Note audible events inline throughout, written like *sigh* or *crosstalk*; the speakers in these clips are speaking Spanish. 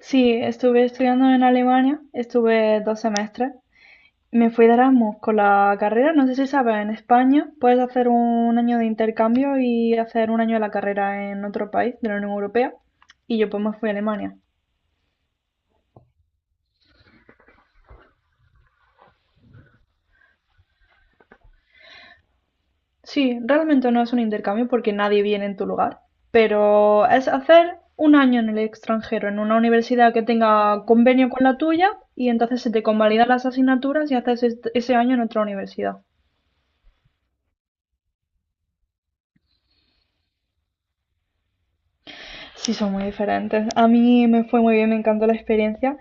Sí, estuve estudiando en Alemania, estuve 2 semestres. Me fui de Erasmus con la carrera, no sé si sabes, en España puedes hacer un año de intercambio y hacer un año de la carrera en otro país de la Unión Europea. Y yo pues me fui a Alemania. Sí, realmente no es un intercambio porque nadie viene en tu lugar, pero es hacer un año en el extranjero, en una universidad que tenga convenio con la tuya y entonces se te convalidan las asignaturas y haces ese año en otra universidad. Sí, son muy diferentes. A mí me fue muy bien, me encantó la experiencia.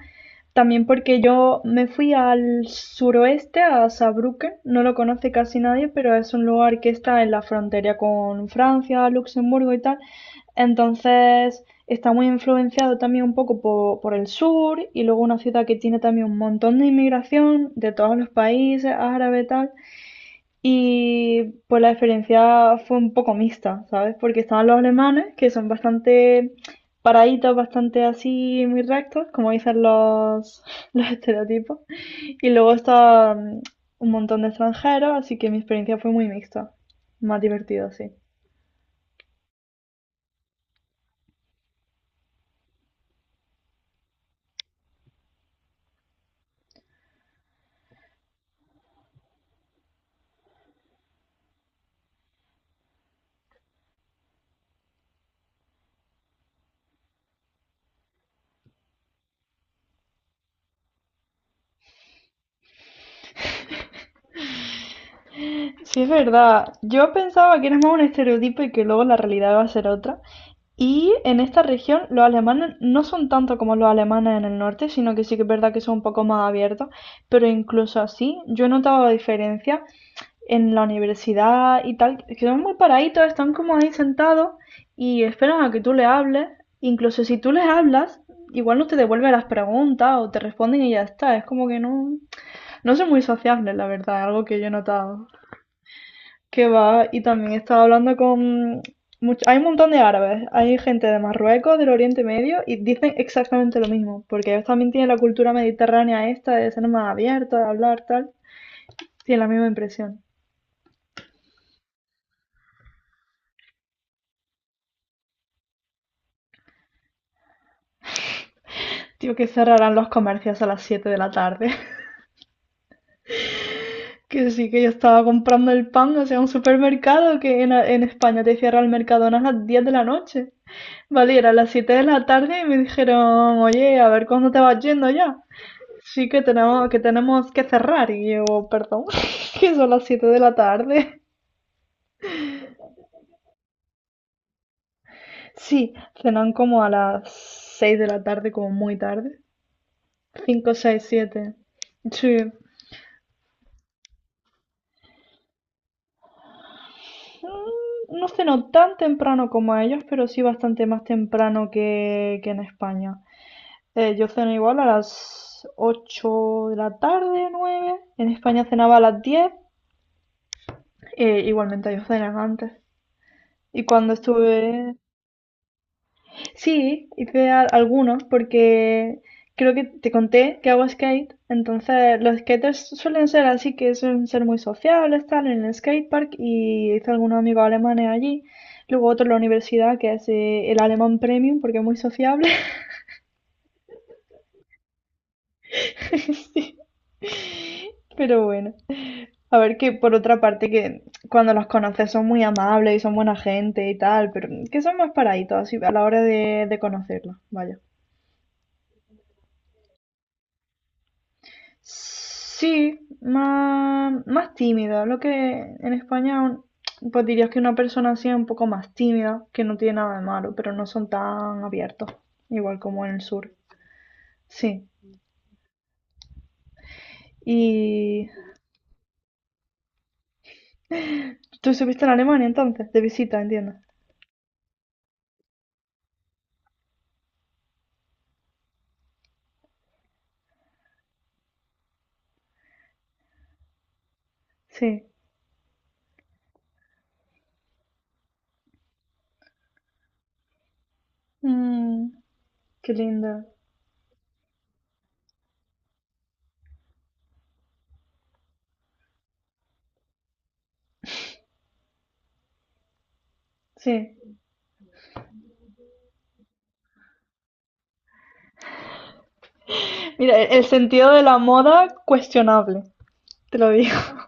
También porque yo me fui al suroeste, a Saarbrücken. No lo conoce casi nadie, pero es un lugar que está en la frontera con Francia, Luxemburgo y tal. Entonces está muy influenciado también un poco por, el sur y luego una ciudad que tiene también un montón de inmigración de todos los países, árabe y tal. Y pues la experiencia fue un poco mixta, ¿sabes? Porque estaban los alemanes, que son bastante paraditos, bastante así, muy rectos, como dicen los, *laughs* los estereotipos. Y luego está un montón de extranjeros, así que mi experiencia fue muy mixta. Más divertido, sí. Sí, es verdad. Yo pensaba que era más un estereotipo y que luego la realidad iba a ser otra. Y en esta región los alemanes no son tanto como los alemanes en el norte, sino que sí que es verdad que son un poco más abiertos, pero incluso así yo he notado la diferencia en la universidad y tal, que son muy paraditos, están como ahí sentados y esperan a que tú les hables. Incluso si tú les hablas, igual no te devuelven las preguntas o te responden y ya está. Es como que no, no son muy sociables, la verdad, algo que yo he notado. Que va, y también estaba hablando con... hay un montón de árabes, hay gente de Marruecos, del Oriente Medio, y dicen exactamente lo mismo, porque ellos también tienen la cultura mediterránea esta de ser más abierta, de hablar, tal. Tienen la misma impresión. Tío, que cerrarán los comercios a las 7 de la tarde. *laughs* Que sí, que yo estaba comprando el pan, o sea, un supermercado que en España te cierra el Mercadona a las 10 de la noche. Vale, y era a las 7 de la tarde y me dijeron, oye, a ver cuándo te vas yendo ya. Sí que tenemos que cerrar y yo, perdón, *laughs* que son las 7 de la tarde. Sí, cenan como a las 6 de la tarde, como muy tarde. 5, 6, 7. Sí. No ceno tan temprano como ellos, pero sí bastante más temprano que en España. Yo ceno igual a las 8 de la tarde, 9. En España cenaba a las 10, igualmente ellos cenan antes. Y cuando estuve... Sí, hice algunos porque creo que te conté que hago skate, entonces los skaters suelen ser así que suelen ser muy sociables, tal, en el skatepark y hice algunos amigos alemanes allí. Luego otro en la universidad que es el alemán premium porque es muy sociable. *laughs* Sí. Pero bueno, a ver que por otra parte que cuando los conoces son muy amables y son buena gente y tal, pero que son más paraditos así a la hora de conocerlos, vaya. Sí, más tímida. Lo que en España, pues dirías que una persona así es un poco más tímida, que no tiene nada de malo, pero no son tan abiertos, igual como en el sur. Sí. Y tú estuviste en Alemania entonces, de visita, entiendo. Sí. Mm, qué lindo. Sí. Mira, el sentido de la moda, cuestionable, te lo digo. *laughs*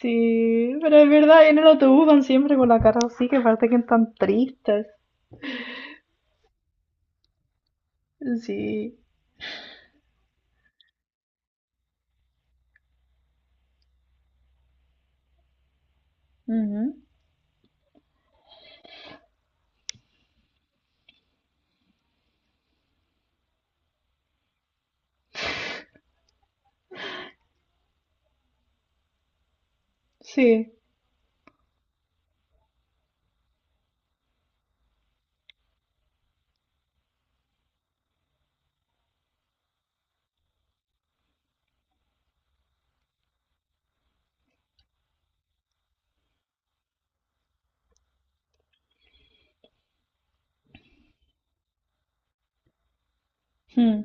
Sí, pero es verdad, en el autobús van siempre con la cara así, que parece que están tristes. Sí. Ujú, sí, mm,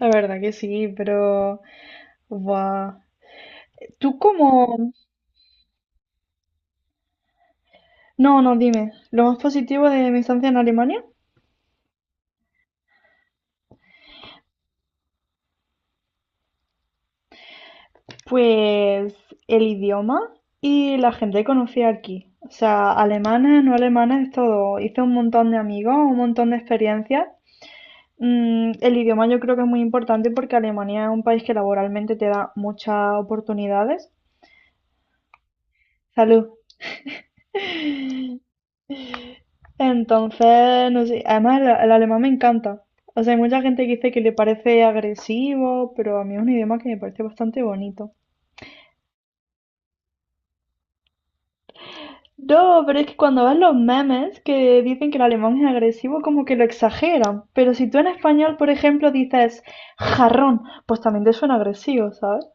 la verdad que sí, pero buah. ¿Tú cómo? No, no, dime. Lo más positivo de mi estancia en Alemania, pues el idioma y la gente que conocí aquí. O sea, alemanes, no alemanes, todo. Hice un montón de amigos, un montón de experiencias. El idioma yo creo que es muy importante porque Alemania es un país que laboralmente te da muchas oportunidades. Salud. *laughs* Entonces, no sé, además el alemán me encanta. O sea, hay mucha gente que dice que le parece agresivo, pero a mí es un idioma que me parece bastante bonito. No, pero es que cuando ves los memes que dicen que el alemán es agresivo, como que lo exageran. Pero si tú en español, por ejemplo, dices jarrón, pues también te suena agresivo, ¿sabes?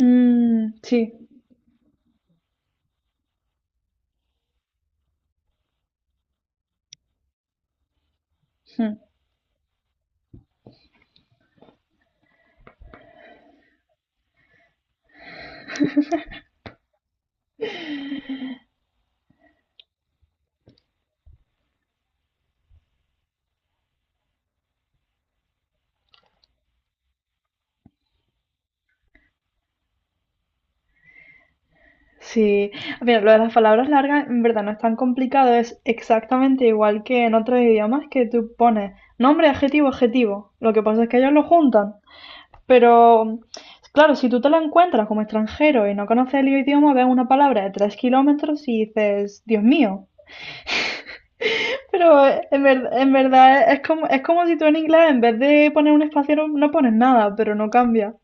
Mm, sí. Sí, mira, lo de las palabras largas en verdad no es tan complicado, es exactamente igual que en otros idiomas que tú pones nombre, adjetivo, adjetivo. Lo que pasa es que ellos lo juntan. Pero, claro, si tú te lo encuentras como extranjero y no conoces el idioma, ves una palabra de 3 kilómetros y dices, Dios mío. Pero en verdad es como si tú en inglés en vez de poner un espacio no pones nada, pero no cambia.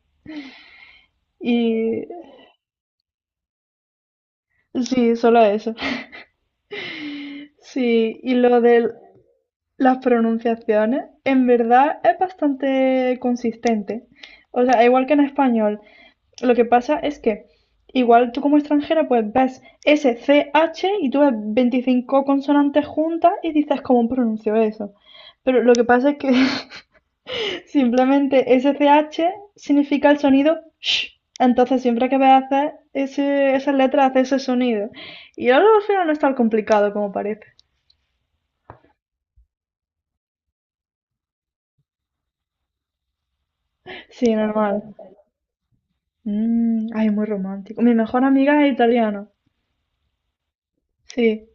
Y sí, solo eso. Sí, y lo de las pronunciaciones, en verdad es bastante consistente. O sea, igual que en español. Lo que pasa es que igual tú como extranjera pues ves SCH y tú ves 25 consonantes juntas y dices cómo pronuncio eso. Pero lo que pasa es que *laughs* simplemente SCH significa el sonido sh. Entonces siempre que veas hacer ese, esas letras hace ese sonido. Y ahora al final no es tan complicado como parece. Sí, normal. Ay, muy romántico. Mi mejor amiga es italiana. Sí,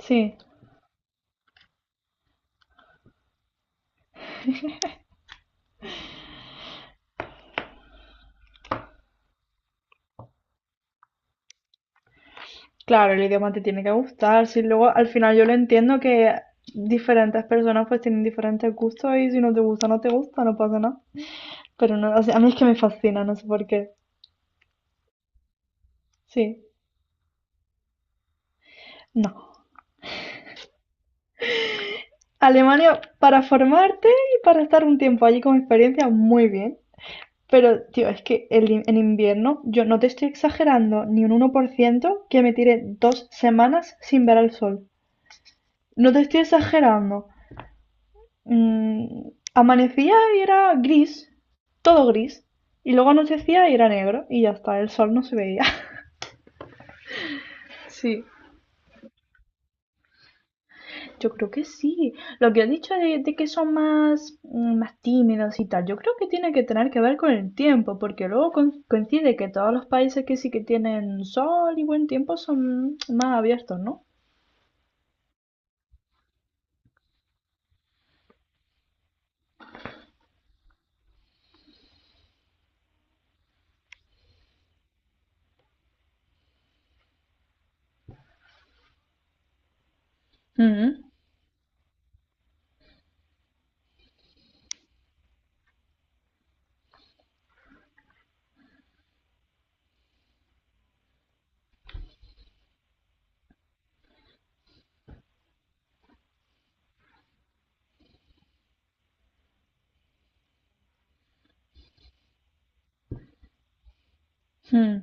sí. Claro, el idioma te tiene que gustar. Sí, luego al final yo lo entiendo que diferentes personas pues tienen diferentes gustos y si no te gusta, no te gusta, no pasa nada. Pero no, o sea, a mí es que me fascina, no sé por qué. Sí, no. Alemania para formarte y para estar un tiempo allí como experiencia, muy bien. Pero, tío, es que el en invierno, yo no te estoy exagerando ni un 1% que me tiré 2 semanas sin ver al sol. No te estoy exagerando. Mm, amanecía y era gris, todo gris. Y luego anochecía y era negro. Y ya está, el sol no se veía. *laughs* Sí. Yo creo que sí. Lo que has dicho de que son más tímidos y tal, yo creo que tiene que tener que ver con el tiempo, porque luego coincide que todos los países que sí que tienen sol y buen tiempo son más abiertos, ¿no? Mm, mm,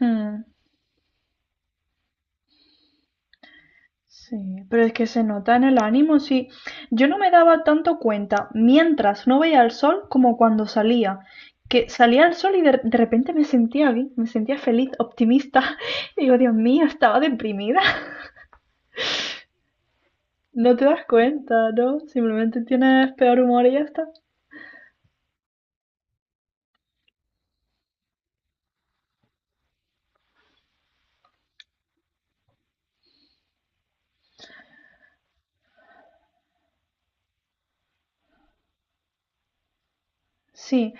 mm. Sí, pero es que se nota en el ánimo, sí. Yo no me daba tanto cuenta mientras no veía el sol como cuando salía. Que salía el sol y de repente me sentía bien, me sentía feliz, optimista. *laughs* Y digo, Dios mío, estaba deprimida. *laughs* No te das cuenta, ¿no? Simplemente tienes peor humor y ya está. Sí,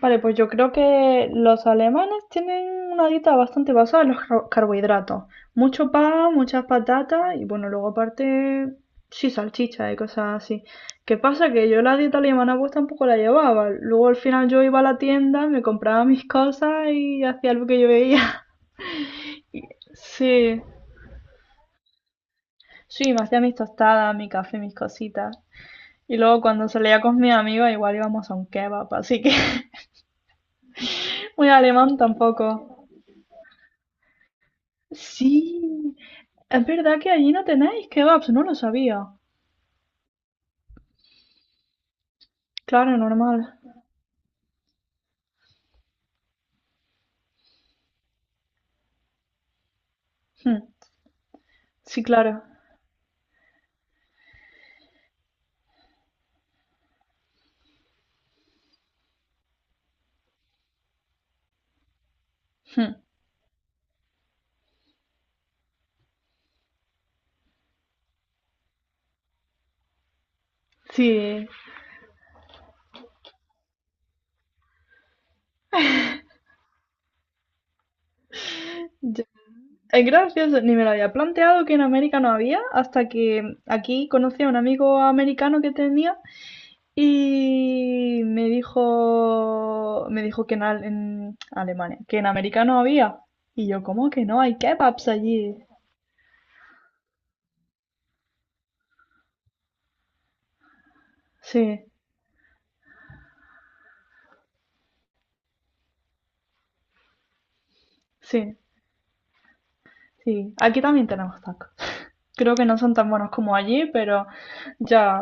vale, pues yo creo que los alemanes tienen una dieta bastante basada en los carbohidratos. Mucho pan, muchas patatas y bueno, luego aparte, sí, salchicha y cosas así. ¿Qué pasa? Que yo la dieta alemana pues tampoco la llevaba. Luego al final yo iba a la tienda, me compraba mis cosas y hacía lo que yo veía. *laughs* Sí, sí, me hacía mis tostadas, mi café, mis cositas. Y luego cuando salía con mi amiga igual íbamos a un kebab, así que *laughs* muy alemán tampoco. Sí, es verdad que allí no tenéis kebabs, no lo sabía. Claro, normal. Hmm, sí, claro. Hmm, sí, ya- es gracioso, ni me lo había planteado que en América no había, hasta que aquí conocí a un amigo americano que tenía y me dijo que en, en Alemania, que en América no había. Y yo, ¿cómo que no? Hay kebabs allí. Sí, sí, sí. Aquí también tenemos tacos. Creo que no son tan buenos como allí, pero ya,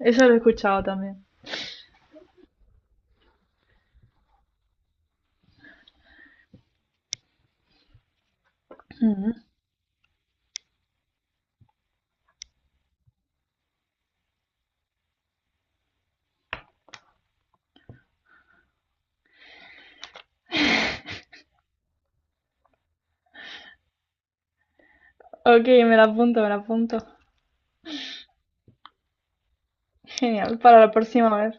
eso lo he escuchado también. Ujú. Ok, me la apunto, me la apunto. Genial, para la próxima vez.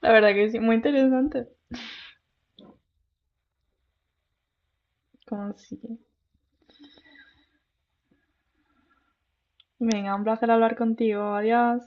La verdad que sí, muy interesante. Como si... Venga, un placer hablar contigo. Adiós.